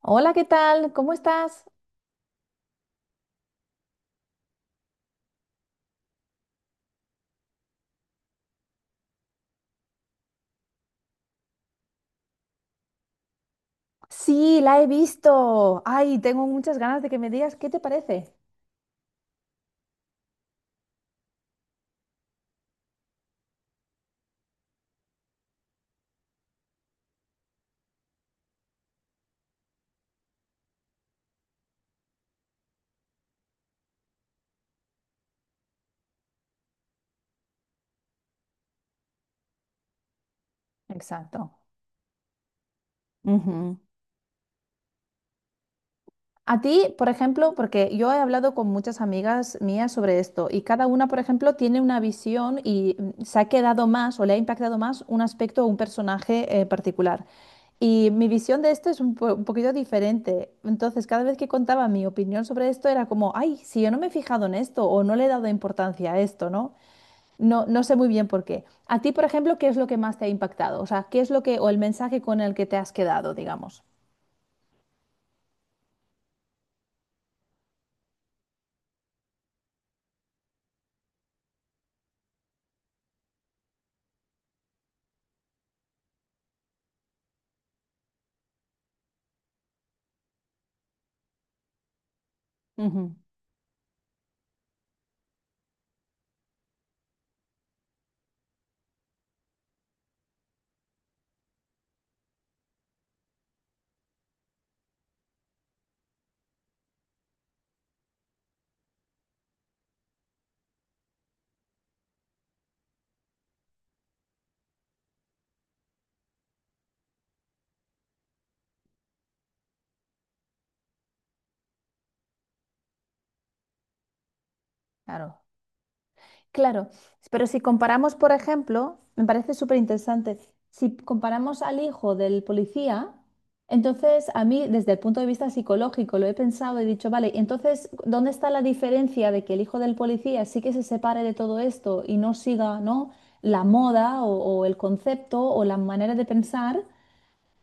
Hola, ¿qué tal? ¿Cómo estás? Sí, la he visto. Ay, tengo muchas ganas de que me digas qué te parece. Exacto. Ujú. A ti, por ejemplo, porque yo he hablado con muchas amigas mías sobre esto y cada una, por ejemplo, tiene una visión y se ha quedado más o le ha impactado más un aspecto o un personaje particular. Y mi visión de esto es un poquito diferente. Entonces, cada vez que contaba mi opinión sobre esto era como, ay, si yo no me he fijado en esto o no le he dado importancia a esto, ¿no? No, no sé muy bien por qué. A ti, por ejemplo, ¿qué es lo que más te ha impactado? O sea, ¿qué es lo que, o el mensaje con el que te has quedado, digamos? Ujú. Claro. Claro. Pero si comparamos, por ejemplo, me parece súper interesante, si comparamos al hijo del policía, entonces a mí, desde el punto de vista psicológico, lo he pensado y he dicho, vale, entonces, ¿dónde está la diferencia de que el hijo del policía sí que se separe de todo esto y no siga, ¿no? la moda o el concepto o la manera de pensar?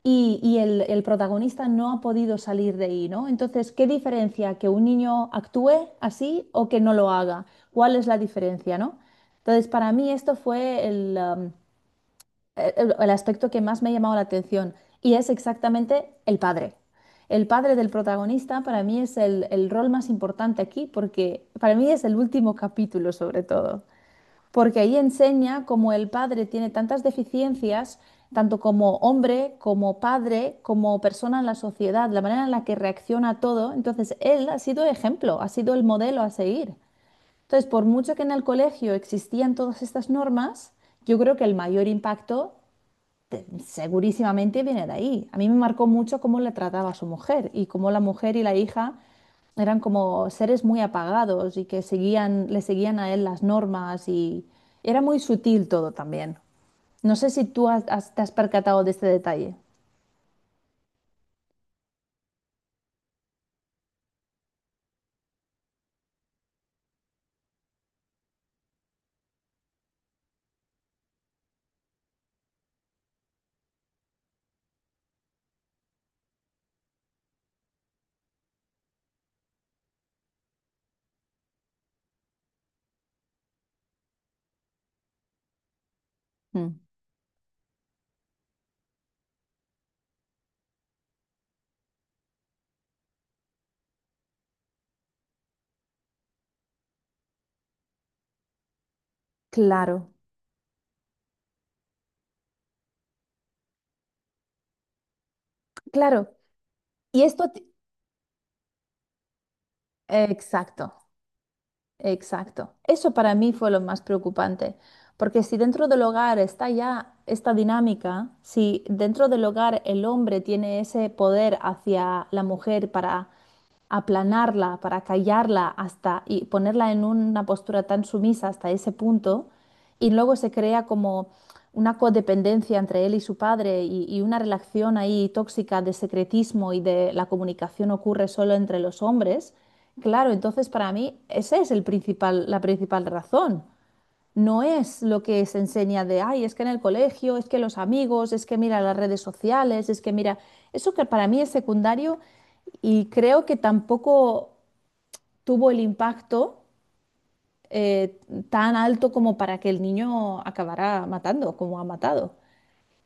El protagonista no ha podido salir de ahí, ¿no? Entonces, ¿qué diferencia que un niño actúe así o que no lo haga? ¿Cuál es la diferencia, no? Entonces, para mí esto fue el aspecto que más me ha llamado la atención y es exactamente el padre. El padre del protagonista para mí es el rol más importante aquí porque para mí es el último capítulo sobre todo porque ahí enseña cómo el padre tiene tantas deficiencias, tanto como hombre, como padre, como persona en la sociedad, la manera en la que reacciona a todo. Entonces, él ha sido ejemplo, ha sido el modelo a seguir. Entonces, por mucho que en el colegio existían todas estas normas, yo creo que el mayor impacto segurísimamente viene de ahí. A mí me marcó mucho cómo le trataba a su mujer y cómo la mujer y la hija eran como seres muy apagados y que le seguían a él las normas y era muy sutil todo también. No sé si te has percatado de este detalle. Mm, Claro, claro. Y exacto. Exacto. Eso para mí fue lo más preocupante, porque si dentro del hogar está ya esta dinámica, si dentro del hogar el hombre tiene ese poder hacia la mujer para aplanarla, para callarla hasta y ponerla en una postura tan sumisa hasta ese punto, y luego se crea como una codependencia entre él y su padre y una relación ahí tóxica de secretismo y de la comunicación ocurre solo entre los hombres. Claro, entonces para mí esa es la principal razón. No es lo que se enseña de, ay, es que en el colegio, es que los amigos, es que mira las redes sociales, es que mira, eso que para mí es secundario y creo que tampoco tuvo el impacto eh, tan alto como para que el niño acabara matando, como ha matado.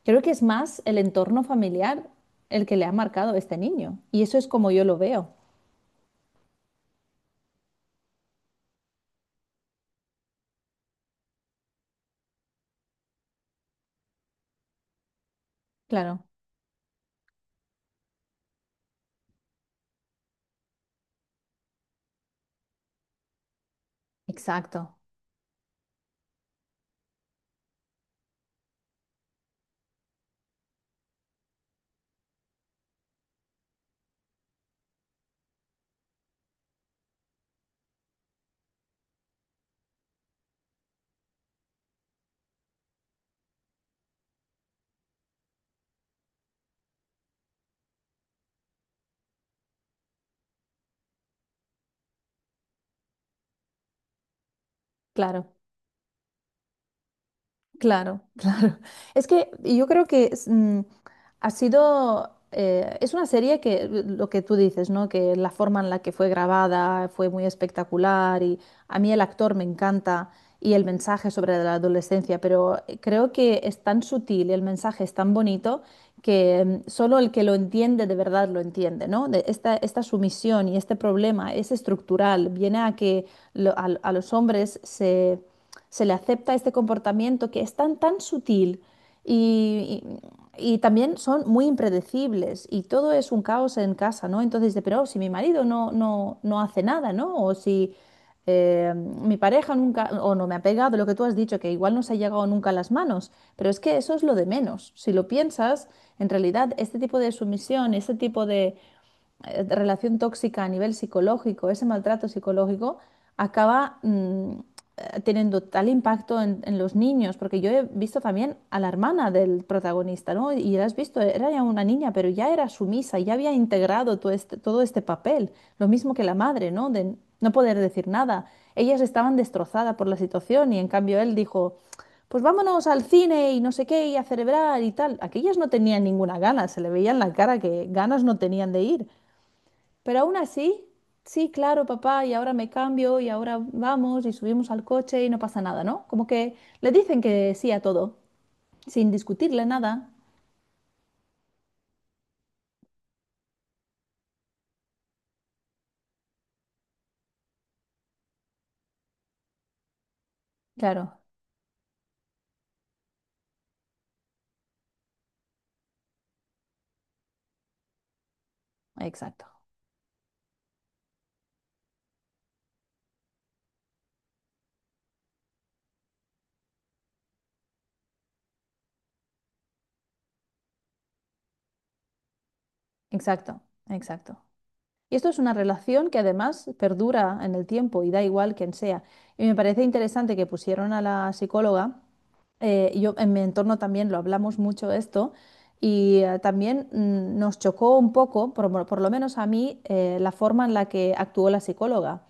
Creo que es más el entorno familiar el que le ha marcado a este niño. Y eso es como yo lo veo. Claro, exacto, claro. Claro, claro. Es que yo creo que es, mm, ha sido, es una serie que lo que tú dices, ¿no? Que la forma en la que fue grabada fue muy espectacular y a mí el actor me encanta y el mensaje sobre la adolescencia, pero creo que es tan sutil y el mensaje es tan bonito que solo el que lo entiende de verdad lo entiende, ¿no? De esta sumisión y este problema es estructural, viene a que a los hombres se le acepta este comportamiento que es tan, tan sutil y, y también son muy impredecibles y todo es un caos en casa, ¿no? Entonces, de, pero si mi marido no hace nada, ¿no? O si mi pareja nunca, o no me ha pegado, lo que tú has dicho, que igual no se ha llegado nunca a las manos, pero es que eso es lo de menos. Si lo piensas, en realidad este tipo de sumisión, este tipo de relación tóxica a nivel psicológico, ese maltrato psicológico, acaba teniendo tal impacto en los niños, porque yo he visto también a la hermana del protagonista, ¿no? Y la has visto, era ya una niña, pero ya era sumisa, ya había integrado todo este papel, lo mismo que la madre, ¿no? De no poder decir nada. Ellas estaban destrozadas por la situación y en cambio él dijo... Pues vámonos al cine y no sé qué, y a celebrar y tal. Aquellas no tenían ninguna gana, se le veía en la cara que ganas no tenían de ir. Pero aún así, sí, claro, papá, y ahora me cambio y ahora vamos y subimos al coche y no pasa nada, ¿no? Como que le dicen que sí a todo, sin discutirle nada. Claro, exacto, exacto, exacto. Y esto es una relación que además perdura en el tiempo y da igual quién sea. Y me parece interesante que pusieron a la psicóloga yo en mi entorno también lo hablamos mucho esto y nos chocó un poco, por lo menos a mí, la forma en la que actuó la psicóloga.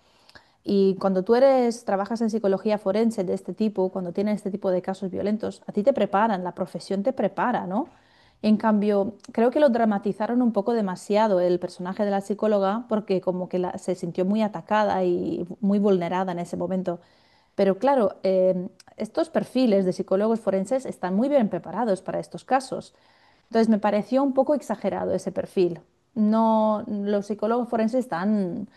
Y cuando trabajas en psicología forense de este tipo, cuando tienes este tipo de casos violentos, a ti te preparan, la profesión te prepara, ¿no? En cambio, creo que lo dramatizaron un poco demasiado el personaje de la psicóloga porque como que se sintió muy atacada y muy vulnerada en ese momento. Pero claro, estos perfiles de psicólogos forenses están muy bien preparados para estos casos. Entonces me pareció un poco exagerado ese perfil. No, los psicólogos forenses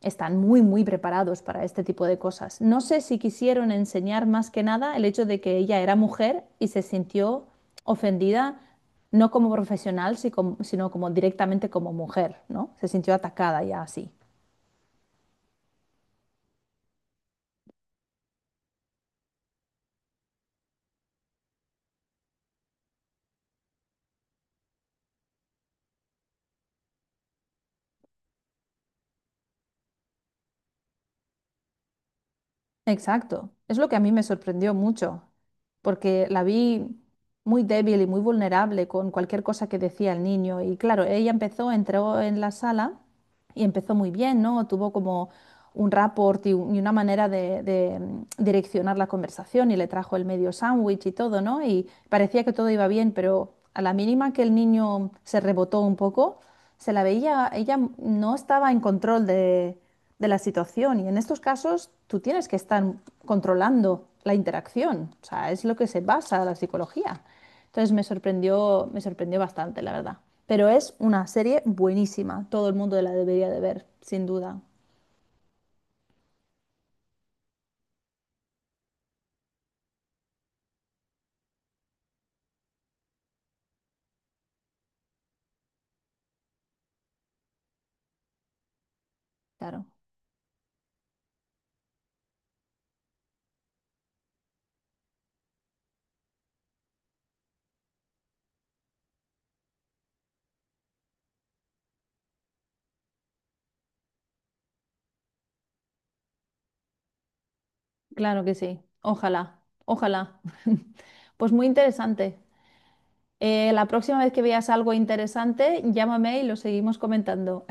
están muy, muy preparados para este tipo de cosas. No sé si quisieron enseñar más que nada el hecho de que ella era mujer y se sintió ofendida, no como profesional, si sino como directamente como mujer, ¿no? Se sintió atacada ya así. Exacto. Es lo que a mí me sorprendió mucho, porque la vi muy débil y muy vulnerable con cualquier cosa que decía el niño. Y claro, entró en la sala y empezó muy bien, ¿no? Tuvo como un rapport y una manera direccionar la conversación y le trajo el medio sándwich y todo, ¿no? Y parecía que todo iba bien, pero a la mínima que el niño se rebotó un poco, se la veía, ella no estaba en control de la situación y en estos casos tú tienes que estar controlando la interacción, o sea, es lo que se basa la psicología. Entonces me sorprendió bastante, la verdad. Pero es una serie buenísima, todo el mundo la debería de ver, sin duda, claro. Claro que sí. Ojalá, ojalá. Pues muy interesante. La próxima vez que veas algo interesante, llámame y lo seguimos comentando.